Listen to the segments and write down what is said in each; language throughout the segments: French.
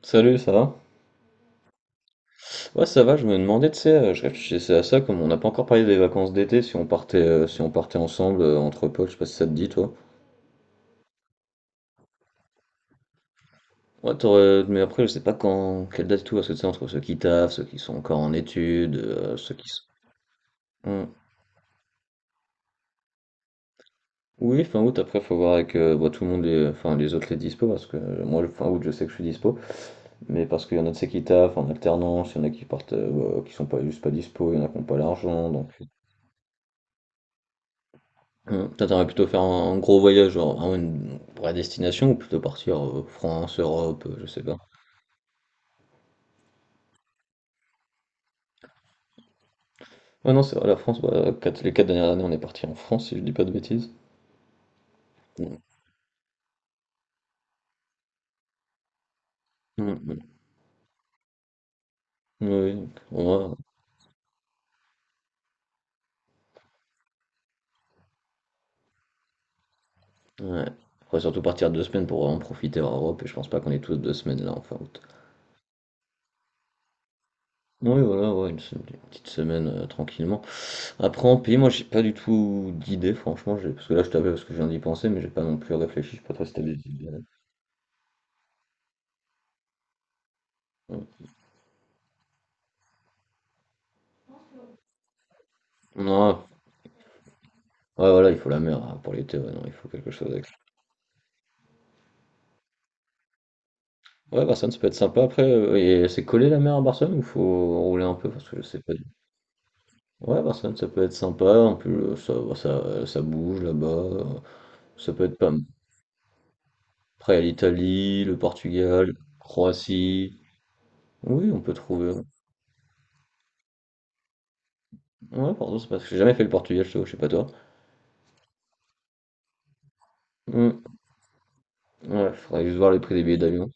Salut, ça va? Ouais, ça va, je me demandais, tu sais, je réfléchissais à ça, comme on n'a pas encore parlé des vacances d'été, si on partait si on partait ensemble entre potes, je sais pas si ça te dit, toi. Ouais, mais après, je sais pas quand, quelle date et tout, parce que tu sais, entre ceux qui taffent, ceux qui sont encore en études, ceux qui sont... Hmm. Oui, fin août, après, faut voir avec bah, tout le monde, les, enfin, les autres les dispo, parce que moi, le fin août, je sais que je suis dispo, mais parce qu'il y en a de ceux qui taffent en alternance, il y en a qui partent, bah, qui sont pas juste pas dispo, il y en a qui n'ont pas l'argent, donc... Mmh. Toi, t'aimerais plutôt faire un gros voyage, genre vraiment une vraie destination, ou plutôt partir France, Europe, je sais pas. Ouais, non, c'est vrai, la France, bah, les quatre dernières années, on est parti en France, si je dis pas de bêtises. Mmh. Mmh, mmh. Oui, donc, ouais, ouais. Faudrait surtout partir deux semaines pour vraiment profiter hors Europe, et je pense pas qu'on est tous deux semaines là en fin août. Oui, voilà, ouais, une petite semaine tranquillement. Après, en pays, moi, j'ai pas du tout d'idée, franchement, parce que là, je t'appelle parce que je viens d'y penser, mais j'ai pas non plus réfléchi, je sais pas toi si t'as des idées. Ouais. Non, ouais, voilà, il faut la mer hein, pour l'été, ouais, non, il faut quelque chose avec ça. Ouais, Barcelone, ça peut être sympa après. Et c'est collé la mer à Barcelone ou faut rouler un peu parce que je sais pas. Ouais, Barcelone, ça peut être sympa. En plus, ça bouge là-bas. Ça peut être pas mal. Après, il y a l'Italie, le Portugal, Croatie. Oui, on peut trouver. Ouais, pardon, c'est parce que j'ai jamais fait le Portugal, je t'avoue, je sais pas toi. Hmm, ouais, faudrait juste voir les prix des billets d'avion.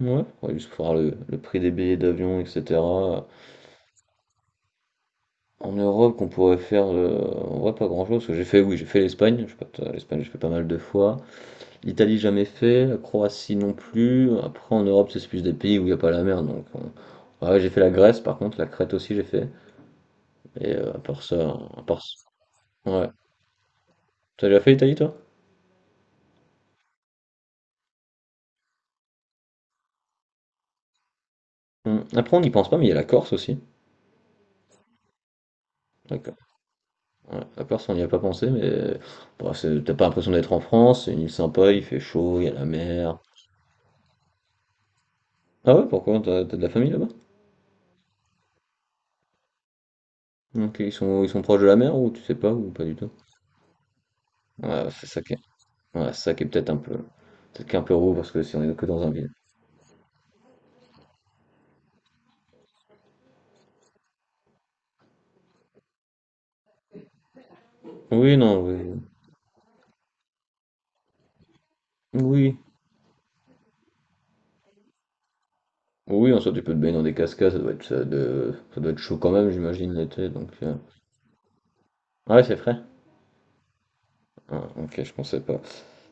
Ouais, faudrait juste voir le prix des billets d'avion, etc. En Europe, qu'on pourrait faire, en vrai, pas grand-chose, parce que j'ai fait, oui, j'ai fait l'Espagne. Je sais pas, toi, l'Espagne, j'ai fait pas mal de fois. L'Italie, jamais fait. La Croatie non plus. Après, en Europe, c'est plus des pays où il n'y a pas la mer. Ouais, j'ai fait la Grèce, par contre, la Crète aussi, j'ai fait. Et à part ça, à part ça- ouais. T'as déjà fait l'Italie, toi? Hum. Après, on n'y pense pas, mais il y a la Corse aussi. D'accord. Ouais, la Corse, on n'y a pas pensé, mais t'as pas l'impression d'être en France. C'est une île sympa, il fait chaud, il y a la mer. Ah ouais, pourquoi? T'as de la famille là-bas? Ok, ils sont proches de la mer ou tu sais pas ou pas du tout? Ouais, c'est ça qui est, ouais, c'est ça qui est peut-être un peu, peut-être qu'un peu roux parce que si on est que dans un ville. Oui, non, oui, oui, oui, en soi tu peux te baigner dans des cascades, ça doit être, ça doit être chaud quand même, j'imagine l'été, donc. Ah ouais, c'est frais? Ah, ok, je pensais pas.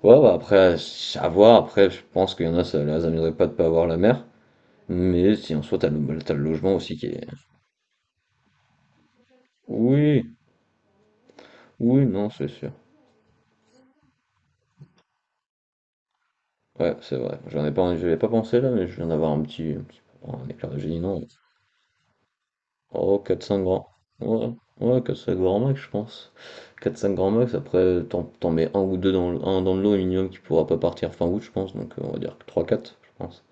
Ouais, bah après, à voir, après, je pense qu'il y en a, ça les amuserait pas de pas avoir la mer, mais si en soi t'as t'as le logement aussi qui est. Oui, oui, non, c'est sûr. Ouais, c'est vrai. J'en ai pas, je avais pas pensé là, mais je viens d'avoir un éclair de génie, non. Oh, quatre cinq grands. Ouais, ouais, quatre cinq grands max, je pense. Quatre cinq grands max, après, t'en mets un ou deux dans le, un dans le lot au minimum qui pourra pas partir fin août, je pense. Donc, on va dire trois quatre je pense.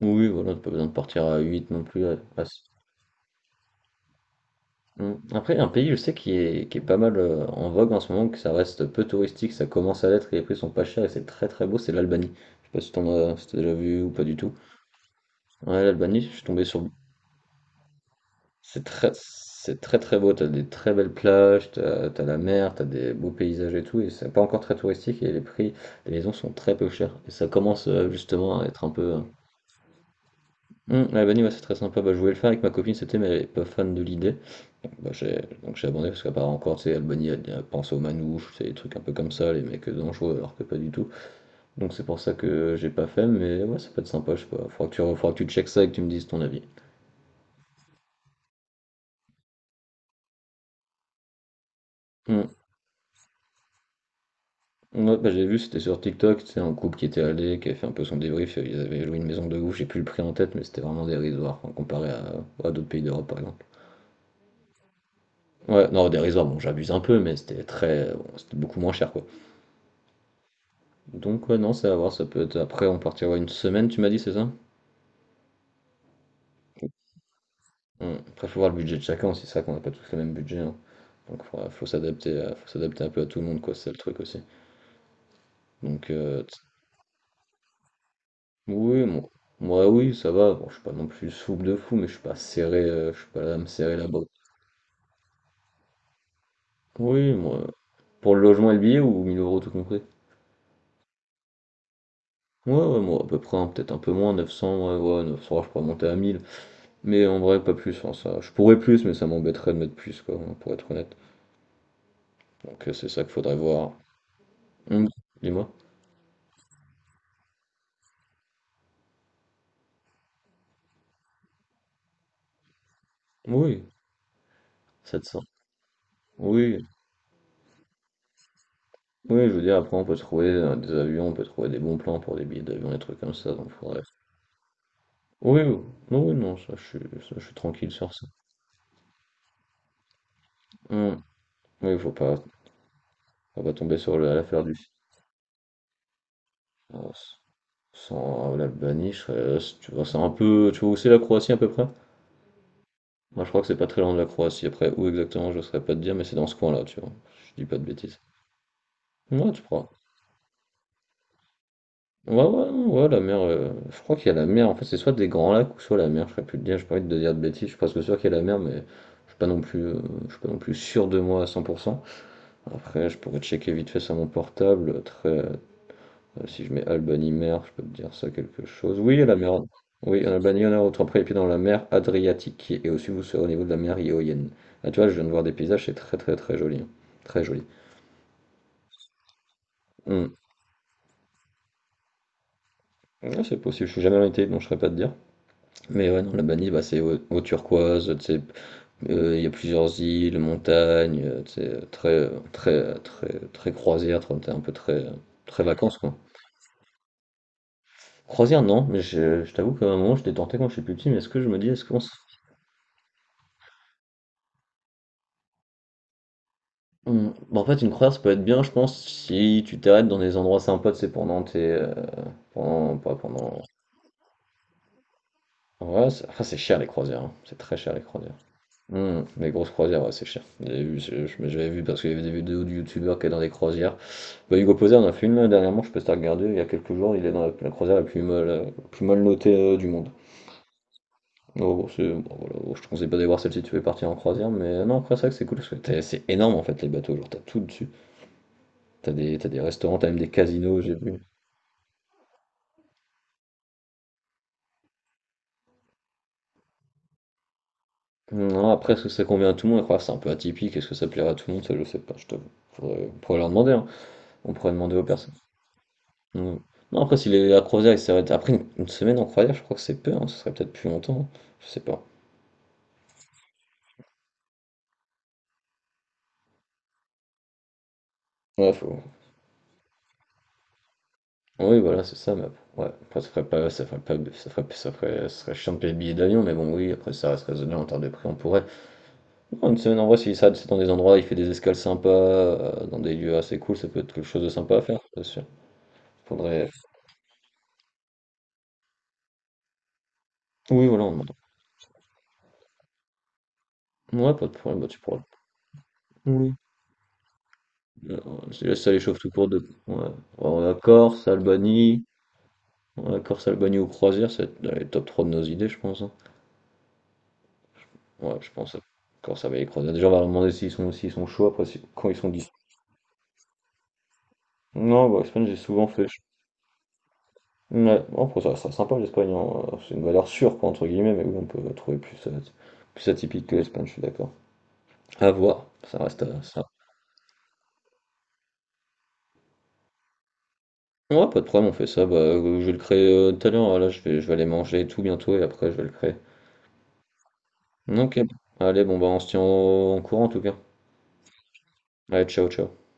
Oui, voilà, t'as pas besoin de partir à 8 non plus. Hmm. Après, un pays, je sais, qui est pas mal en vogue en ce moment, que ça reste peu touristique, ça commence à l'être et les prix sont pas chers et c'est très très beau, c'est l'Albanie. Je sais pas si t'as déjà vu ou pas du tout. Ouais, l'Albanie, je suis tombé sur. C'est très très beau, t'as des très belles plages, t'as la mer, t'as des beaux paysages et tout, et c'est pas encore très touristique et les prix, des maisons sont très peu chers. Et ça commence justement à être un peu. Albanie, ouais, c'est très sympa. Bah, je voulais le faire avec ma copine, c'était, mais elle est pas fan de l'idée. Donc j'ai abandonné parce qu'apparemment encore, tu sais, Albanie, elle pense aux manouches, c'est des trucs un peu comme ça, les mecs dangereux, alors que pas du tout. Donc c'est pour ça que j'ai pas fait, mais ouais, ça peut être sympa, je sais pas. Faudra faudra que tu checkes ça et que tu me dises ton avis. Hum, Ouais, bah, j'ai vu, c'était sur TikTok, c'est un couple qui était allé, qui avait fait un peu son débrief, ils avaient loué une maison de ouf, j'ai plus le prix en tête, mais c'était vraiment dérisoire, enfin, comparé à d'autres pays d'Europe par exemple. Ouais, non, dérisoire, bon, j'abuse un peu, mais c'était très, bon, c'était beaucoup moins cher quoi. Donc, ouais, non, c'est à voir, ça peut être après, on partira une semaine, tu m'as dit, c'est ça? Après, faut voir le budget de chacun, c'est ça qu'on n'a pas tous le même budget, hein. Donc, faut s'adapter un peu à tout le monde, quoi, c'est ça le truc aussi. Donc, oui, bon, moi, oui, ça va, bon, je suis pas non plus souple de fou, mais je suis pas serré, je suis pas là à me serrer la Oui, moi. Pour le logement et le billet ou 1000 euros tout compris? Ouais, ouais, moi, à peu près, hein, peut-être un peu moins, 900, ouais, ouais, 900, je pourrais monter à 1000. Mais en vrai, pas plus, hein, ça. Je pourrais plus, mais ça m'embêterait de mettre plus, quoi, hein, pour être honnête. Donc, c'est ça qu'il faudrait voir. Hum, Dis-moi. Oui, 700. Oui, oui, je veux dire, après, on peut trouver des avions, on peut trouver des bons plans pour des billets d'avion, des trucs comme ça, donc faudrait. Oui, oui, non, oui, non, ça, je suis tranquille sur ça. Hum, Oui, faut pas tomber sur à l'affaire du. Silence. Sans l'Albanie, je serais tu vois, c'est un peu tu vois où c'est la Croatie à peu près? Moi, je crois que c'est pas très loin de la Croatie, après où exactement, je ne saurais pas te dire, mais c'est dans ce coin-là, tu vois, je dis pas de bêtises. Ouais, tu crois. Ouais, ouais, non, ouais, la mer, je crois qu'il y a la mer, en fait, c'est soit des grands lacs ou soit la mer, je serais plus te dire, je pas envie de te dire de bêtises, je suis presque sûr qu'il y a la mer, mais je suis pas non plus, je suis pas non plus sûr de moi à 100%. Après, je pourrais checker vite fait sur mon portable, très, si je mets Albanie-Mer, je peux te dire ça quelque chose. Oui, la mer. Oui, en Albanie, on a autant pris les pieds dans la mer Adriatique. Et aussi, vous serez au niveau de la mer Ionienne. Ah, tu vois, je viens de voir des paysages, c'est très très très joli. Hein. Très joli. Hmm. Ouais, c'est possible, je suis jamais allé en Italie, donc je ne saurais pas te dire. Mais ouais, non, l'Albanie, bah, c'est eau turquoise, tu sais, il y a plusieurs îles, montagnes, tu sais, très, très, très, très croisière, un peu très, très vacances, quoi. Croisière, non, mais je t'avoue qu'à un moment, j'étais tenté quand j'étais plus petit, mais est-ce que je me dis, est-ce qu'on se Hmm. Bah, en fait, une croisière, ça peut être bien, je pense, si tu t'arrêtes dans des endroits sympas, c'est pendant tes. Pendant. Pas pendant. Ouais, c'est cher les croisières, hein. C'est très cher les croisières. Hmm. Les grosses croisières, ouais, c'est cher. J'avais vu, j'avais vu parce qu'il y avait des vidéos de youtubeurs qui étaient dans des croisières. Bah, Hugo Poser en a fait une là, dernièrement, je peux te regarder, il y a quelques jours, il est dans la croisière la plus mal notée du monde. Oh, bon, voilà, bon, je te conseille pas d'aller voir celle si tu veux partir en croisière, mais non, après, c'est vrai que c'est cool parce que c'est énorme en fait les bateaux, genre t'as tout dessus. T'as des restaurants, t'as même des casinos, j'ai vu. Non, après, est-ce que ça convient à tout le monde? Après, c'est un peu atypique. Est-ce que ça plaira à tout le monde? Ça, je sais pas, je t'avoue. Faudrait... On pourrait leur demander. Hein. On pourrait demander aux personnes. Non, non, après, si les... la croisière, ils s'arrêtent. Après, une semaine en croisière, je crois que c'est peu. Hein. Ça serait peut-être plus longtemps. Hein. Je sais pas. Ouais, faut... Oui, voilà, c'est ça. Mais... Ouais, après, ça ferait pas... ça ferait pas... ça ferait... ça ferait... ça serait chiant de payer le billet d'avion. Mais bon, oui, après, ça reste raisonnable en termes de prix. On pourrait. Non, une semaine en vrai, s'il s'arrête c'est dans des endroits, il fait des escales sympas, dans des lieux assez cool, ça peut être quelque chose de sympa à faire, c'est sûr. Faudrait. Oui, voilà, on demande. Ouais, pas de problème, bah, tu pourras Oui. Alors, c'est ça les tout court de. Ouais. On a Corse, Albanie. Ouais, Corse, Albanie ou croisière, c'est dans les top 3 de nos idées, je pense. Hein. Ouais, je pense. À Corse avec les croisières. Déjà, on va leur demander s'ils sont chauds après, quand ils sont dix Non, bah, l'Espagne, j'ai souvent fait. Ouais, bon, après, ça sera sympa l'Espagne. Hein. C'est une valeur sûre, quoi, entre guillemets, mais oui, on peut trouver plus, plus atypique que l'Espagne, je suis d'accord. À voir, ça reste à ça. Ouais, pas de problème, on fait ça. Bah, je vais le créer tout à l'heure. Là, je vais aller manger et tout bientôt et après, je vais le créer. Ok. Allez, bon bah on se tient en courant en tout cas. Allez, ciao, ciao.